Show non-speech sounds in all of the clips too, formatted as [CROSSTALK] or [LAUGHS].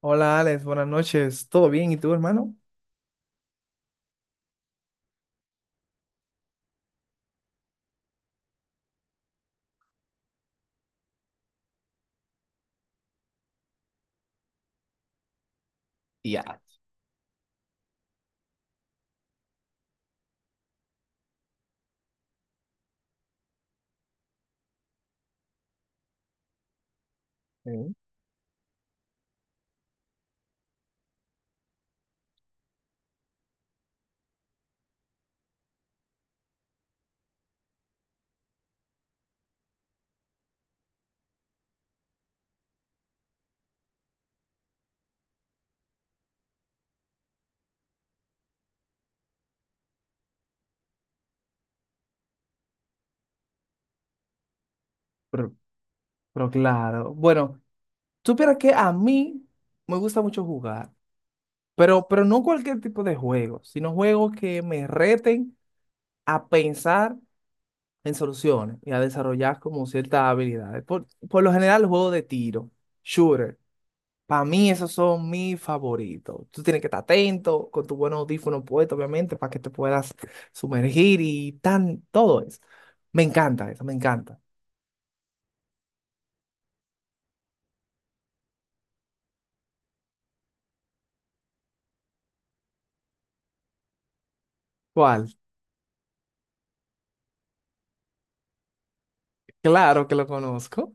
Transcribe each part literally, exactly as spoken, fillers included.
Hola Alex, buenas noches. ¿Todo bien? ¿Y tú, hermano? Ya. Bien. Pero, pero claro. Bueno, supieras que a mí me gusta mucho jugar, pero, pero no cualquier tipo de juego, sino juegos que me reten a pensar en soluciones y a desarrollar como ciertas habilidades. Por, por lo general, juegos de tiro, shooter. Para mí esos son mis favoritos. Tú tienes que estar atento con tu buen audífono puesto, obviamente, para que te puedas sumergir y tan, todo eso. Me encanta eso, me encanta. ¿Cuál? Claro que lo conozco.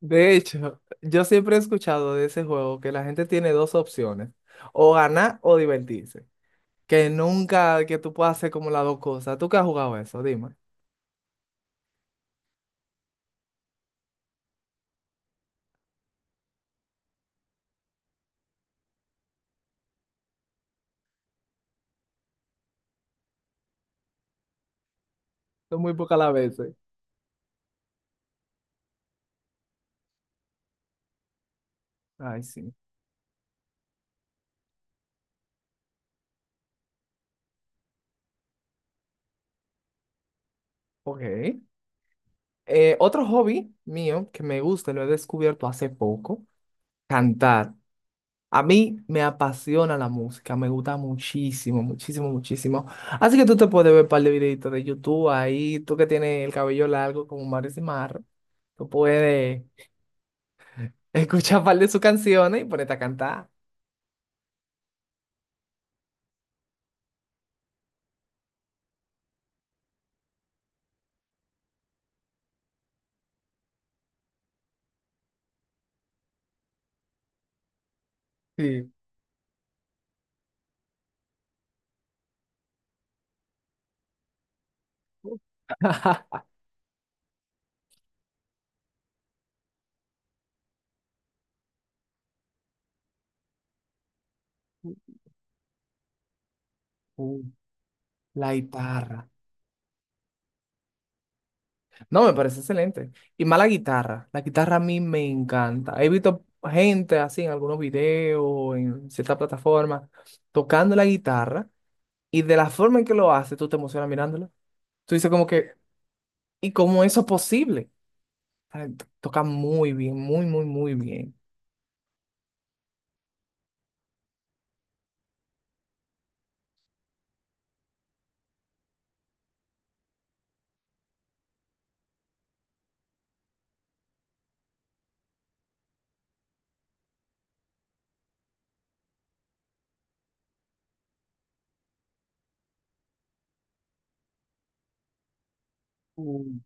De hecho, yo siempre he escuchado de ese juego que la gente tiene dos opciones, o ganar o divertirse. Que nunca que tú puedas hacer como las dos cosas. ¿Tú qué has jugado eso? Dime. Son muy pocas las veces. Ay, sí. Ok. Eh, otro hobby mío que me gusta, lo he descubierto hace poco, cantar. A mí me apasiona la música, me gusta muchísimo, muchísimo, muchísimo. Así que tú te puedes ver un par de videitos de YouTube ahí, tú que tienes el cabello largo como Maris y Mar, tú puedes [LAUGHS] escuchar un par de sus canciones y ponerte a cantar. Sí. [LAUGHS] Uh, la guitarra. No, me parece excelente. Y más la guitarra. La guitarra a mí me encanta. He visto gente así en algunos videos, en ciertas plataformas, tocando la guitarra. Y de la forma en que lo hace, tú te emocionas mirándolo. Tú dices como que, ¿y cómo eso es posible? Ay, to- toca muy bien, muy, muy, muy bien. Mm.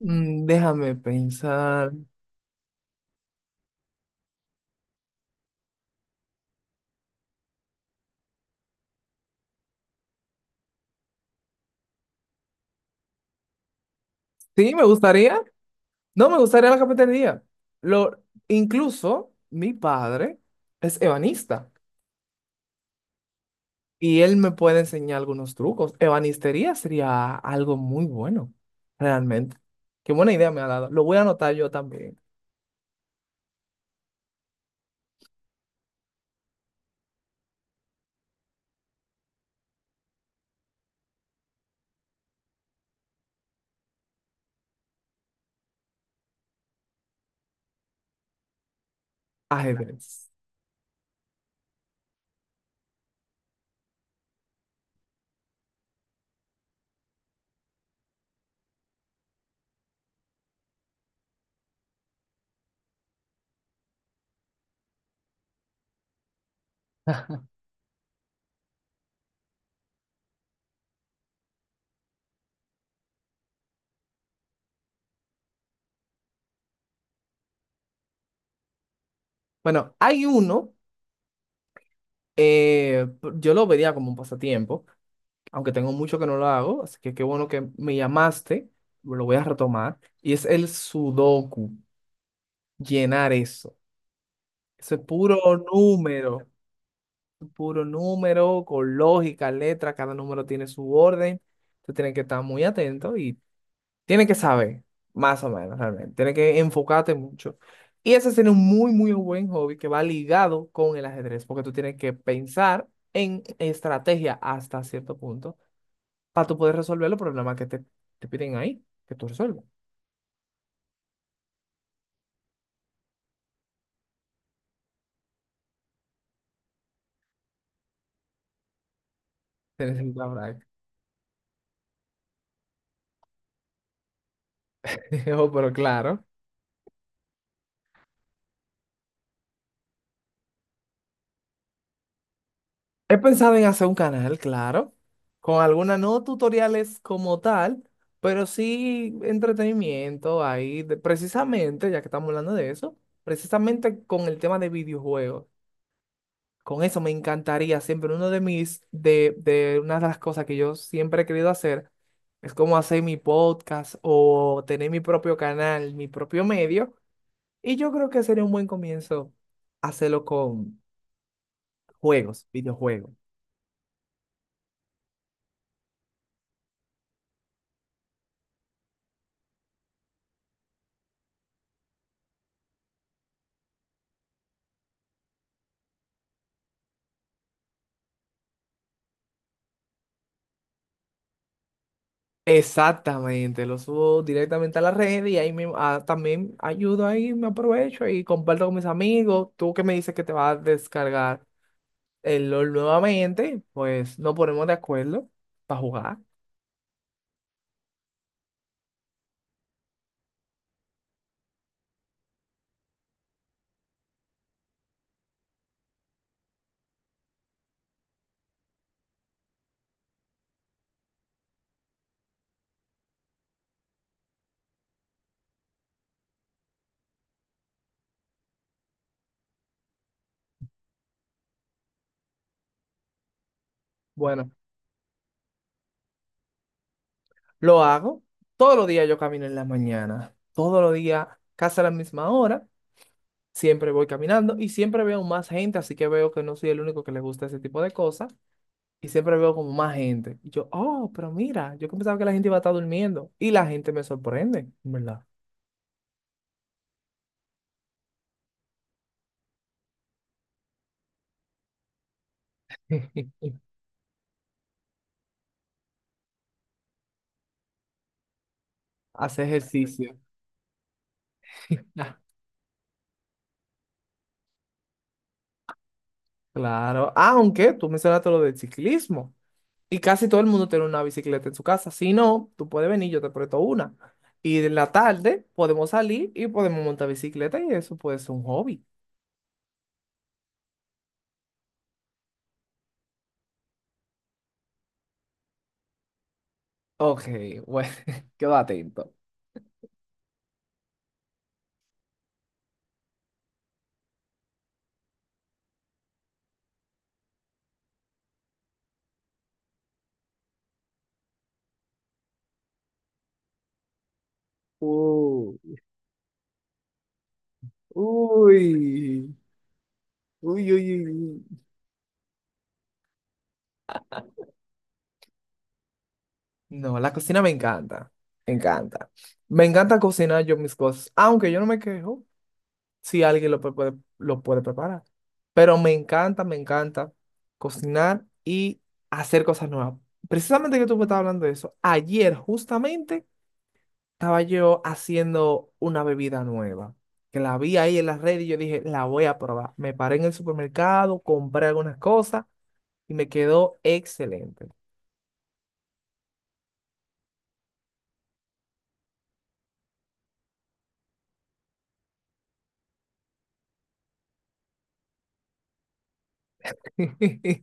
Mm, déjame pensar. Sí, me gustaría. No, me gustaría la cafetería. Lo, incluso mi padre es ebanista y él me puede enseñar algunos trucos. Ebanistería sería algo muy bueno, realmente. Qué buena idea me ha dado. Lo voy a anotar yo también. Ajedrez. Bueno, hay uno. Eh, p- yo lo vería como un pasatiempo, aunque tengo mucho que no lo hago, así que qué bueno que me llamaste, lo voy a retomar. Y es el sudoku, llenar eso. Ese puro número, puro número con lógica, letra, cada número tiene su orden. Tú tienes que estar muy atento. Y tiene que saber, más o menos, realmente. Tiene que enfocarte mucho. Y ese es un muy, muy buen hobby que va ligado con el ajedrez, porque tú tienes que pensar en estrategia hasta cierto punto para tú poder resolver los problemas que te, te piden ahí, que tú resuelvas. Tienes el [LAUGHS] plan. Oh, pero claro. He pensado en hacer un canal, claro, con algunas, no tutoriales como tal, pero sí entretenimiento ahí, de- precisamente, ya que estamos hablando de eso, precisamente con el tema de videojuegos. Con eso me encantaría siempre, uno de mis, de, de una de las cosas que yo siempre he querido hacer, es como hacer mi podcast o tener mi propio canal, mi propio medio, y yo creo que sería un buen comienzo hacerlo con juegos, videojuegos. Exactamente, lo subo directamente a la red y ahí mismo, ah, también ayudo ahí, me aprovecho y comparto con mis amigos. Tú que me dices que te vas a descargar el L O L nuevamente, pues nos ponemos de acuerdo para jugar. Bueno, lo hago. Todos los días yo camino en la mañana, todos los días, casi a la misma hora, siempre voy caminando y siempre veo más gente, así que veo que no soy el único que le gusta ese tipo de cosas. Y siempre veo como más gente. Y yo, oh, pero mira, yo que pensaba que la gente iba a estar durmiendo. Y la gente me sorprende, ¿en verdad? [LAUGHS] Hace ejercicio. Ah, claro, aunque tú mencionaste lo del ciclismo y casi todo el mundo tiene una bicicleta en su casa. Si no, tú puedes venir, yo te presto una. Y en la tarde podemos salir y podemos montar bicicleta y eso puede ser un hobby. Ok, bueno, [LAUGHS] quedo atento. Uh, uy, uy, uy, uy, uy. No, la cocina me encanta, me encanta. Me encanta cocinar yo mis cosas, aunque yo no me quejo si alguien lo pe- puede, lo puede preparar. Pero me encanta, me encanta cocinar y hacer cosas nuevas. Precisamente que tú me estabas hablando de eso, ayer justamente estaba yo haciendo una bebida nueva, que la vi ahí en las redes y yo dije, la voy a probar. Me paré en el supermercado, compré algunas cosas y me quedó excelente. [LAUGHS]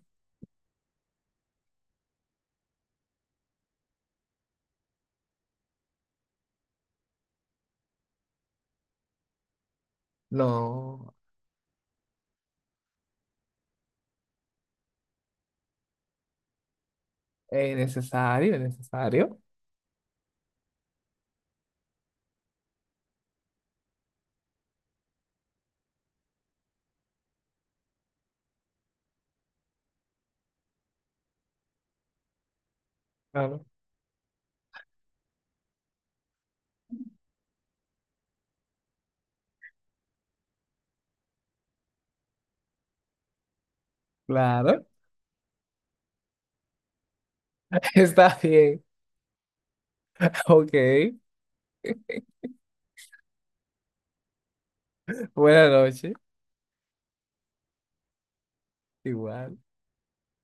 No. Eh, necesario, necesario. Claro. Claro. [LAUGHS] Está bien. Ok. Buenas noches. Igual.